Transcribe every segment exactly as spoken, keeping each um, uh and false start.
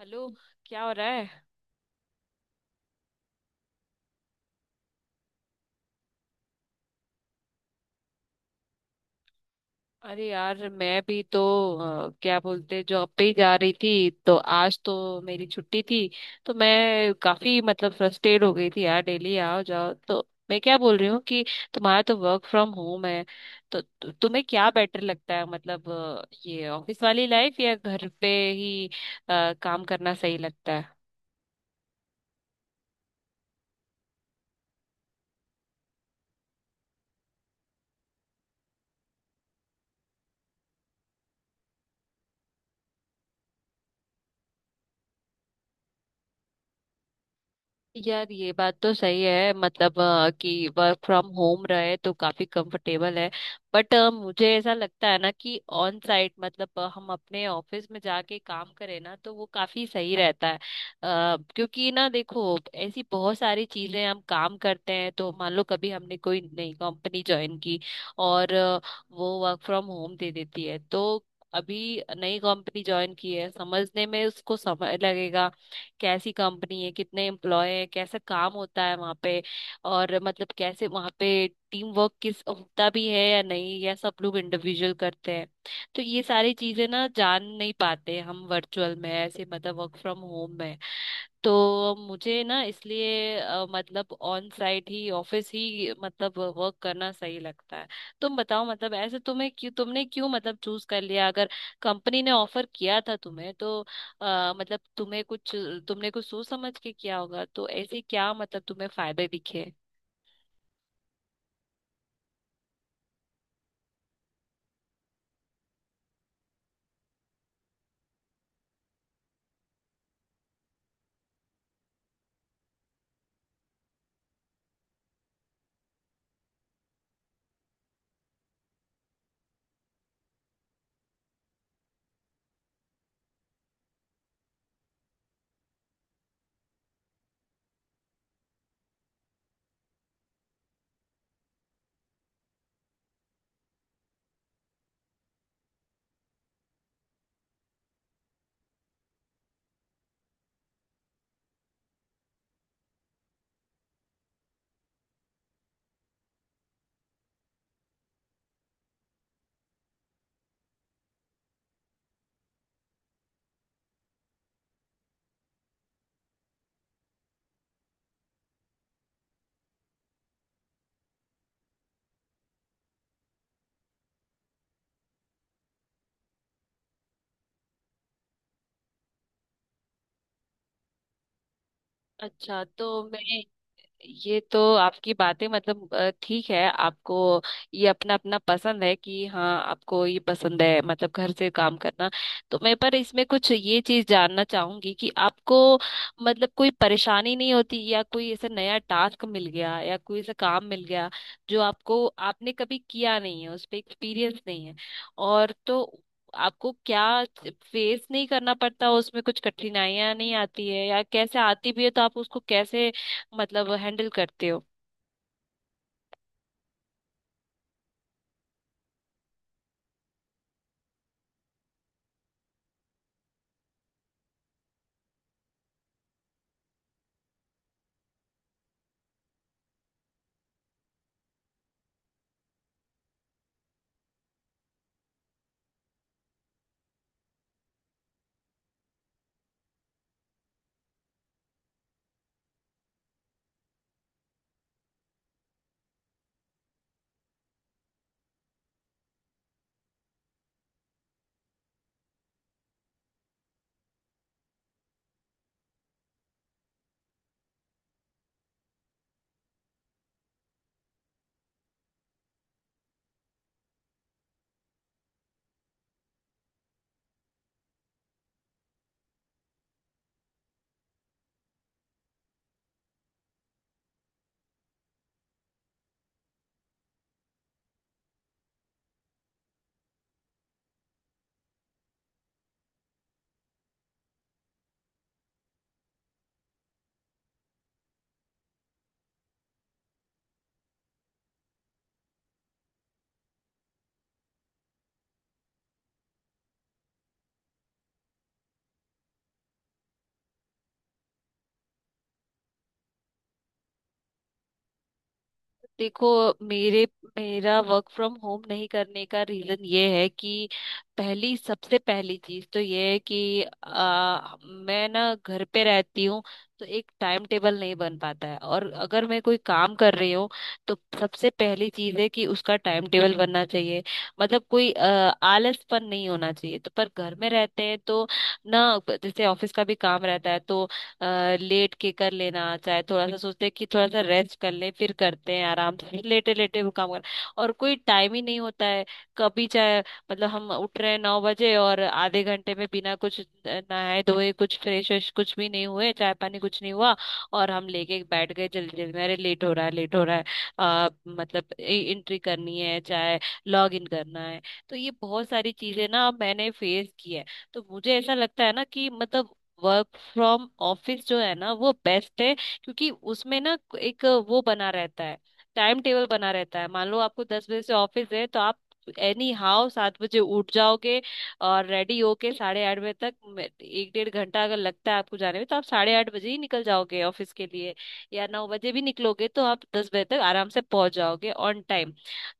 Hello. क्या हो रहा है? अरे यार, मैं भी तो अ, क्या बोलते, जॉब पे ही जा रही थी, तो आज तो मेरी छुट्टी थी। तो मैं काफी मतलब फ्रस्ट्रेट हो गई थी यार, डेली आओ जाओ। तो मैं क्या बोल रही हूँ कि तुम्हारा तो वर्क फ्रॉम होम है, तो तु, तुम्हें क्या बेटर लगता है? मतलब अ, ये ऑफिस वाली लाइफ या घर पे ही अ, काम करना सही लगता है? यार, ये बात तो सही है, मतलब अ, कि वर्क फ्रॉम होम रहे तो काफी कंफर्टेबल है। बट मुझे ऐसा लगता है ना कि ऑन साइट मतलब अ, हम अपने ऑफिस में जाके काम करें ना, तो वो काफी सही रहता है। अ, क्योंकि ना देखो, ऐसी बहुत सारी चीजें हम काम करते हैं, तो मान लो कभी हमने कोई नई कंपनी ज्वाइन की और अ, वो वर्क फ्रॉम होम दे देती है, तो अभी नई कंपनी ज्वाइन की है, समझने में उसको समय लगेगा। कैसी कंपनी है, कितने एम्प्लॉय है, कैसा काम होता है वहाँ पे, और मतलब कैसे वहाँ पे टीम वर्क किस होता भी है या नहीं, या सब लोग इंडिविजुअल करते हैं। तो ये सारी चीजें ना जान नहीं पाते हम वर्चुअल में, ऐसे मतलब वर्क फ्रॉम होम में। तो मुझे ना इसलिए अ, मतलब ऑन साइट ही, ऑफिस ही मतलब वर्क करना सही लगता है। तुम बताओ, मतलब ऐसे तुम्हें क्यों, तुमने क्यों मतलब चूज कर लिया? अगर कंपनी ने ऑफर किया था तुम्हें, तो अ, मतलब तुम्हें कुछ, तुमने कुछ सोच समझ के किया होगा, तो ऐसे क्या मतलब तुम्हें फायदे दिखे? अच्छा, तो मैं, ये तो आपकी बातें, मतलब अ, ठीक है, आपको ये अपना अपना पसंद है कि हाँ आपको ये पसंद है मतलब घर से काम करना। तो मैं पर इसमें कुछ ये चीज जानना चाहूंगी कि आपको मतलब कोई परेशानी नहीं होती, या कोई ऐसा नया टास्क मिल गया या कोई ऐसा काम मिल गया जो आपको, आपने कभी किया नहीं है, उस पर एक्सपीरियंस नहीं है, और तो आपको क्या फेस नहीं करना पड़ता? उसमें कुछ कठिनाइयां नहीं आती है, या कैसे, आती भी है तो आप उसको कैसे मतलब हैंडल करते हो? देखो, मेरे, मेरा वर्क फ्रॉम होम नहीं करने का रीजन ये है कि पहली, सबसे पहली चीज तो ये है कि आ, मैं ना घर पे रहती हूँ, तो एक टाइम टेबल नहीं बन पाता है। और अगर मैं कोई काम कर रही हूँ तो सबसे पहली चीज है कि उसका टाइम टेबल बनना चाहिए, मतलब कोई आ, आलसपन नहीं होना चाहिए। तो पर घर में रहते हैं तो ना, जैसे ऑफिस का भी काम रहता है तो अ, लेट के कर लेना, चाहे थोड़ा सा सोचते हैं कि थोड़ा सा रेस्ट कर लें फिर करते हैं, आराम से लेटे लेटे वो काम कर, और कोई टाइम ही नहीं होता है। कभी चाहे मतलब हम उठ रहे हैं नौ बजे, और आधे घंटे में बिना कुछ नहाए धोए, कुछ फ्रेश व्रेश कुछ भी नहीं हुए, चाय पानी कुछ नहीं हुआ, और हम लेके बैठ गए जल्दी जल्दी में, अरे लेट हो रहा है, लेट हो रहा है, आ, मतलब एंट्री करनी है, चाहे लॉग इन करना है। तो ये बहुत सारी चीजें ना मैंने फेस की है। तो मुझे ऐसा लगता है ना कि मतलब वर्क फ्रॉम ऑफिस जो है ना, वो बेस्ट है। क्योंकि उसमें ना एक वो बना रहता है, टाइम टेबल बना रहता है। मान लो आपको दस बजे से ऑफिस है, तो आप एनी हाउ सात बजे उठ जाओगे, और रेडी होके साढ़े आठ बजे तक मे- एक डेढ़ घंटा अगर लगता है आपको जाने में, तो आप साढ़े आठ बजे ही निकल जाओगे ऑफिस के लिए, या नौ बजे भी निकलोगे तो आप दस बजे तक आराम से पहुंच जाओगे ऑन टाइम।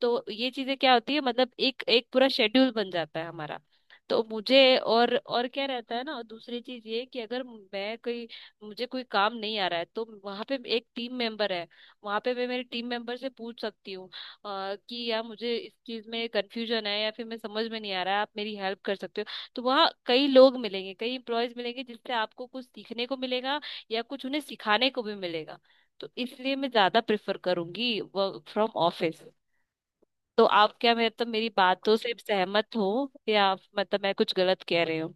तो ये चीजें क्या होती है, मतलब एक, एक पूरा शेड्यूल बन जाता है हमारा। तो मुझे, और और क्या रहता है ना, और दूसरी चीज ये कि अगर मैं कोई, मुझे कोई काम नहीं आ रहा है, तो वहां पे एक टीम मेंबर है, वहां पे मैं मेरे टीम मेंबर से पूछ सकती हूँ अ, कि यार, मुझे इस चीज में कंफ्यूजन है, या फिर मैं समझ में नहीं आ रहा है, आप मेरी हेल्प कर सकते हो। तो वहाँ कई लोग मिलेंगे, कई एम्प्लॉयज मिलेंगे, जिससे आपको कुछ सीखने को मिलेगा या कुछ उन्हें सिखाने को भी मिलेगा। तो इसलिए मैं ज्यादा प्रेफर करूंगी वर्क फ्रॉम ऑफिस। तो आप क्या, मतलब मेरी बातों से सहमत हो, या मतलब मैं कुछ गलत कह रही हूँ?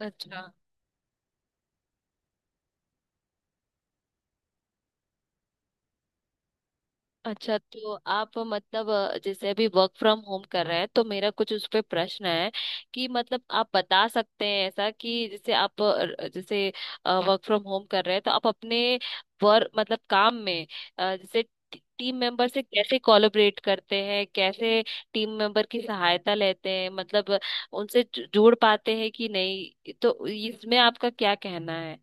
अच्छा। अच्छा, तो आप मतलब अ, जैसे अभी वर्क फ्रॉम होम कर रहे हैं, तो मेरा कुछ उस पे प्रश्न है कि मतलब आप बता सकते हैं ऐसा कि जैसे आप अ, जैसे वर्क फ्रॉम होम कर रहे हैं, तो आप अपने वर्क मतलब काम में अ, जैसे टी- टीम मेंबर से कैसे कोलैबोरेट करते हैं, कैसे टीम मेंबर की सहायता लेते हैं, मतलब उनसे जु- जुड़ पाते हैं कि नहीं, तो इसमें आपका क्या कहना है?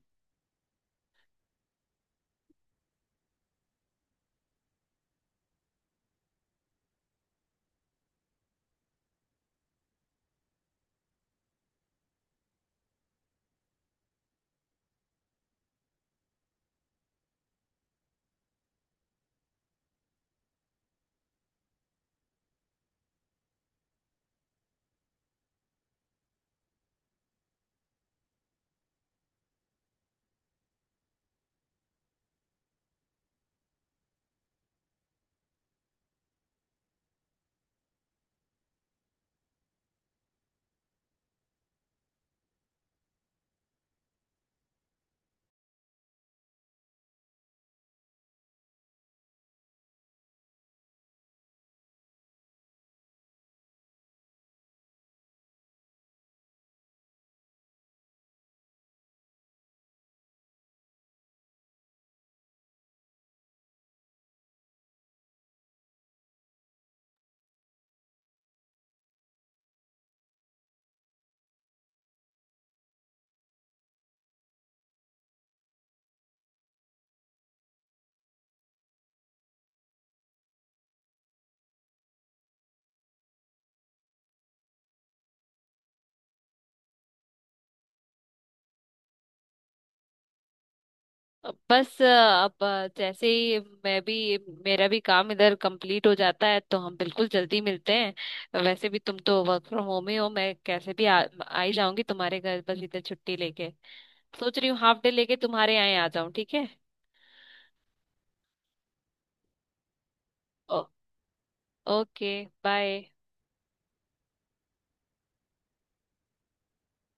बस अब, जैसे ही मैं भी, मेरा भी काम इधर कंप्लीट हो जाता है, तो हम बिल्कुल जल्दी मिलते हैं। वैसे भी तुम तो वर्क फ्रॉम होम ही हो, मैं कैसे भी आ, आ ही जाऊंगी तुम्हारे घर, बस इधर छुट्टी लेके सोच रही हूँ हाफ डे लेके तुम्हारे यहाँ आ जाऊं। ठीक है? Oh, okay, bye.